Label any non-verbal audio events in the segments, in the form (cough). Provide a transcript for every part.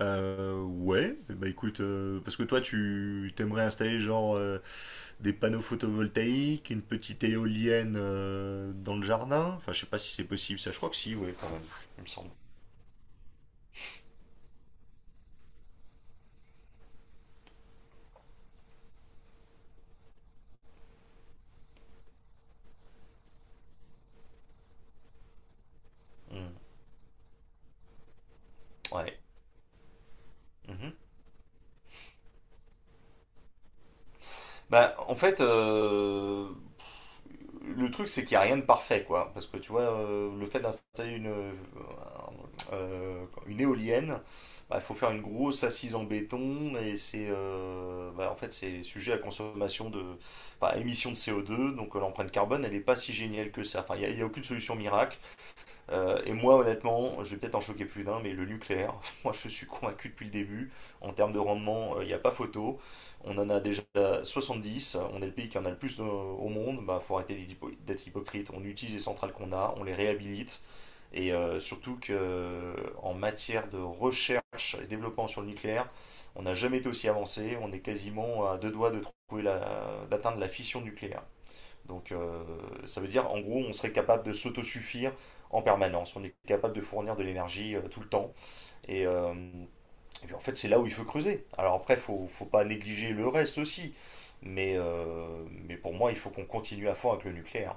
Ouais, bah écoute, parce que toi tu t'aimerais installer genre des panneaux photovoltaïques, une petite éolienne dans le jardin. Enfin, je sais pas si c'est possible, ça je crois que si, ouais, quand même, il me semble. Mm. Ouais. Mhm. Bah en fait, le truc, c'est qu'il n'y a rien de parfait, quoi. Parce que tu vois, le fait d'installer une éolienne, bah, faut faire une grosse assise en béton. Et c'est bah, en fait c'est sujet à consommation de émission de CO2. Donc l'empreinte carbone elle n'est pas si géniale que ça. Enfin, y a aucune solution miracle. Et moi, honnêtement, je vais peut-être en choquer plus d'un, mais le nucléaire, (laughs) moi je suis convaincu depuis le début. En termes de rendement, il n'y a pas photo. On en a déjà 70. On est le pays qui en a le plus au monde. Bah, faut arrêter d'être hypocrite. On utilise les centrales qu'on a, on les réhabilite. Et surtout que en matière de recherche et développement sur le nucléaire, on n'a jamais été aussi avancé. On est quasiment à deux doigts de d'atteindre la fission nucléaire. Donc ça veut dire en gros on serait capable de s'autosuffire en permanence, on est capable de fournir de l'énergie tout le temps. Et, euh, et puis en fait c'est là où il faut creuser. Alors après faut pas négliger le reste aussi, mais pour moi il faut qu'on continue à fond avec le nucléaire.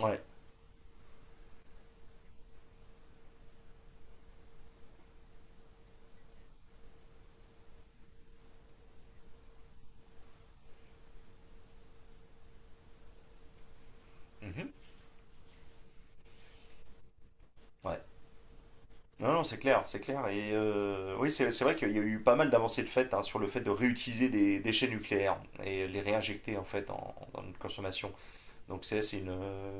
Ouais. Mhm. Ouais. Non, non, c'est clair, c'est clair. Et, oui, c'est vrai qu'il y a eu pas mal d'avancées de fait, hein, sur le fait de réutiliser des déchets nucléaires et les réinjecter en fait dans notre consommation. Donc c'est c'est une-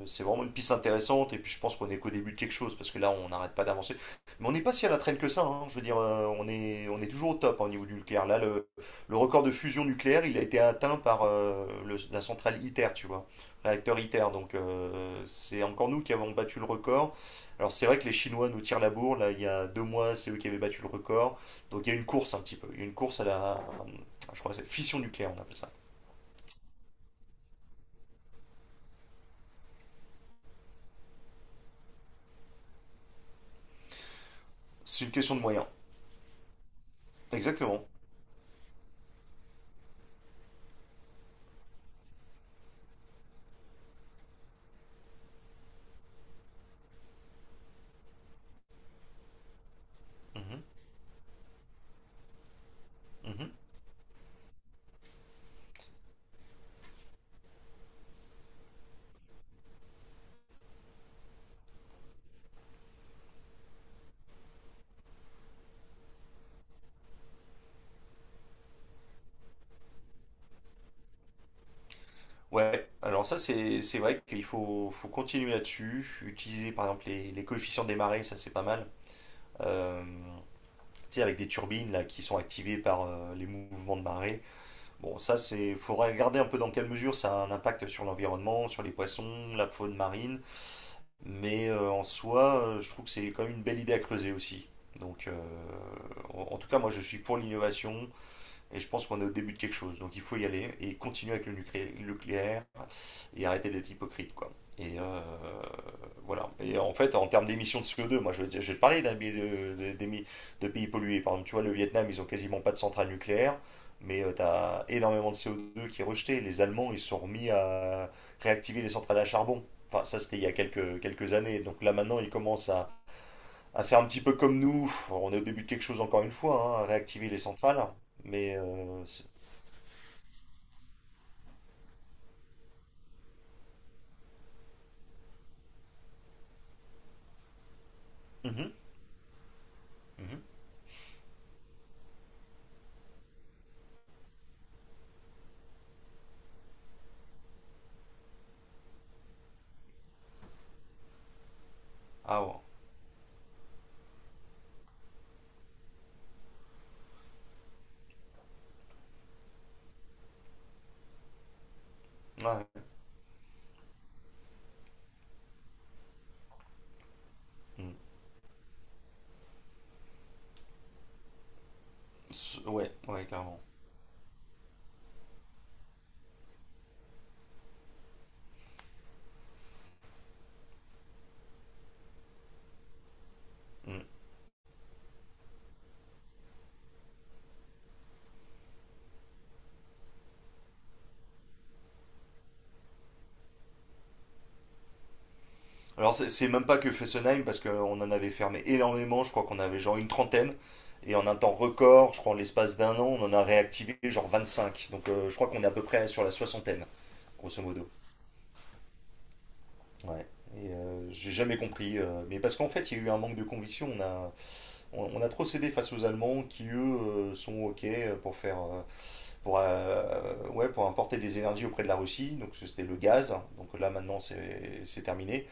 c'est vraiment une piste intéressante et puis je pense qu'on est qu'au début de quelque chose parce que là on n'arrête pas d'avancer. Mais on n'est pas si à la traîne que ça, hein. Je veux dire, on est toujours au top, hein, au niveau du nucléaire. Là, le record de fusion nucléaire il a été atteint par la centrale ITER, tu vois, réacteur ITER. Donc c'est encore nous qui avons battu le record. Alors c'est vrai que les Chinois nous tirent la bourre, là il y a 2 mois c'est eux qui avaient battu le record. Donc il y a une course un petit peu, il y a une course à la, je crois que c'est fission nucléaire on appelle ça. C'est une question de moyens. Exactement. Mhm. Mhm. Ouais, alors ça c'est vrai qu'faut continuer là-dessus, utiliser par exemple les coefficients des marées, ça c'est pas mal. Euh, tu sais, avec des turbines là qui sont activées par les mouvements de marée. Bon, ça c'est faut regarder un peu dans quelle mesure ça a un impact sur l'environnement, sur les poissons, la faune marine, mais en soi, je trouve que c'est quand même une belle idée à creuser aussi. Donc en tout cas, moi je suis pour l'innovation, et je pense qu'on est au début de quelque chose. Donc il faut y aller et continuer avec le nucléaire et arrêter d'être hypocrite, quoi. Et euh, voilà. Et en fait, en termes d'émissions de CO2, moi te parler d'un pays de pays pollués. Par exemple, tu vois, le Vietnam, ils ont quasiment pas de centrale nucléaire, mais tu as énormément de CO2 qui est rejeté. Les Allemands, ils sont remis à réactiver les centrales à charbon. Enfin, ça, c'était il y a quelques années. Donc là, maintenant, ils commencent à faire un petit peu comme nous. On est au début de quelque chose encore une fois, hein, à réactiver les centrales. Mais euh, c'est- Mhm, mhm. Ah ouais. Ouais. Mm. Ouais, ouais, carrément. Mm. Alors c'est même pas que Fessenheim parce qu'on en avait fermé énormément. Je crois qu'on avait genre une trentaine. Et en un temps record, je crois en l'espace d'un an, on en a réactivé genre 25. Donc je crois qu'on est à peu près sur la soixantaine, grosso modo. Ouais. Et j'ai jamais compris. Mais parce qu'en fait, il y a eu un manque de conviction. On a trop cédé face aux Allemands qui eux sont ok pour faire pour ouais pour importer des énergies auprès de la Russie. Donc c'était le gaz. Donc là, maintenant, c'est terminé.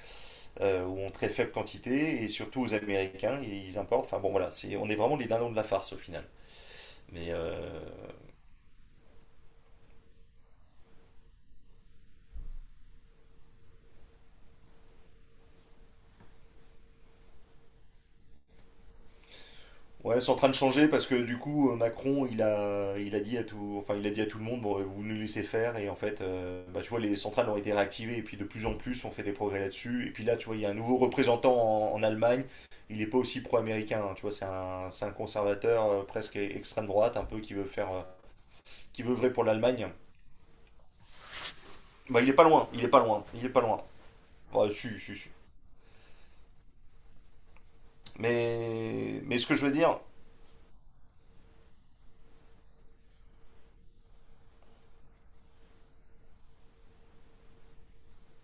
Ou en très faible quantité. Et surtout aux Américains, importent, enfin bon, voilà, c'est on est vraiment les dindons de la farce au final. mais euh, Ouais, c'est en train de changer parce que du coup, Macron, il a dit à tout, enfin, il a dit à tout le monde, bon, bah, vous nous laissez faire. Et en fait, bah, tu vois, les centrales ont été réactivées et puis de plus en plus, on fait des progrès là-dessus. Et puis là, tu vois, il y a un nouveau représentant en Allemagne. Il n'est pas aussi pro-américain, hein, tu vois, c'est un conservateur, presque extrême droite, un peu qui veut vrai pour l'Allemagne. Bah, il est pas loin, il est pas loin, il est pas loin. Ouais, si, si, si. Mais ce que je veux dire,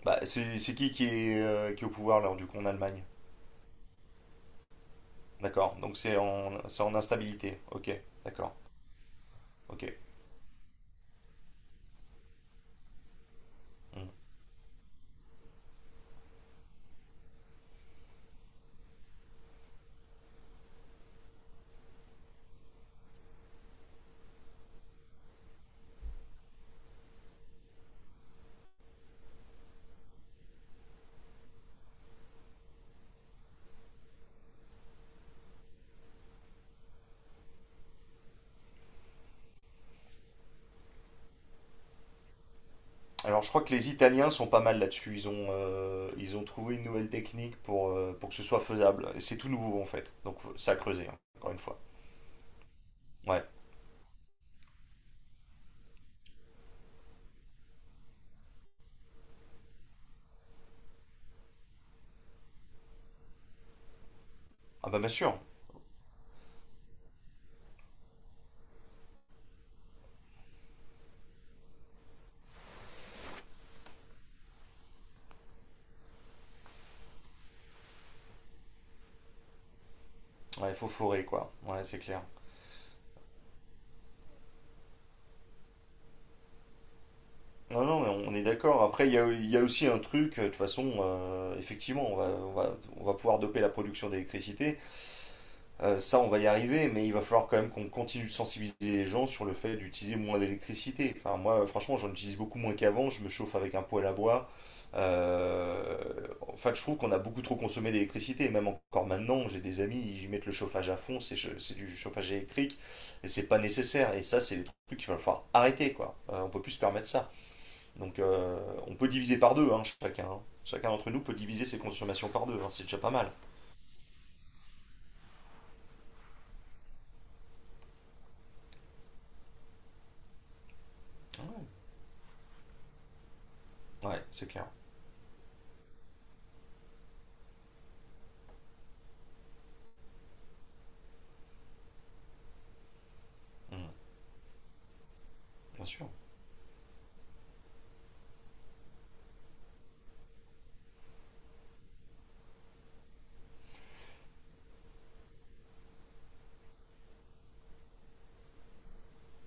bah, c'est qui qui est au pouvoir là, du coup, en Allemagne? D'accord, donc c'est en instabilité. Ok, d'accord. Ok. Hmm. Alors je crois que les Italiens sont pas mal là-dessus. Ils ont trouvé une nouvelle technique pour que ce soit faisable. Et c'est tout nouveau en fait. Donc ça a creusé, hein, encore une fois. Ouais. Ah bah bien sûr. Ouais, faut forer quoi. Ouais, c'est clair. Non, non, mais on est d'accord. Après, il y a aussi un truc, de toute façon, effectivement, on va pouvoir doper la production d'électricité. Ça, on va y arriver, mais il va falloir quand même qu'on continue de sensibiliser les gens sur le fait d'utiliser moins d'électricité. Enfin, moi, franchement, j'en utilise beaucoup moins qu'avant. Je me chauffe avec un poêle à bois. Euh, en fait, je trouve qu'on a beaucoup trop consommé d'électricité. Et même encore maintenant, j'ai des amis, ils mettent le chauffage à fond. C'est du chauffage électrique et c'est pas nécessaire. Et ça, c'est des trucs qu'il va falloir arrêter, quoi. On peut plus se permettre ça. Donc, on peut diviser par deux, hein, chacun, hein. Chacun d'entre nous peut diviser ses consommations par deux, hein. C'est déjà pas mal. Ouais, c'est clair. Mm, bien sûr.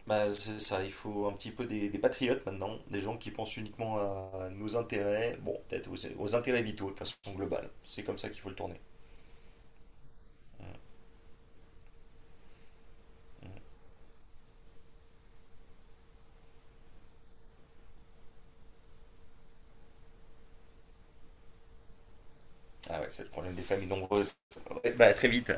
Bah, c'est ça, il faut un petit peu des patriotes maintenant, des gens qui pensent uniquement à nos intérêts, bon, peut-être aux intérêts vitaux de façon globale. C'est comme ça qu'il faut le tourner. Ah ouais, c'est le problème des familles nombreuses. Ouais, bah, très vite.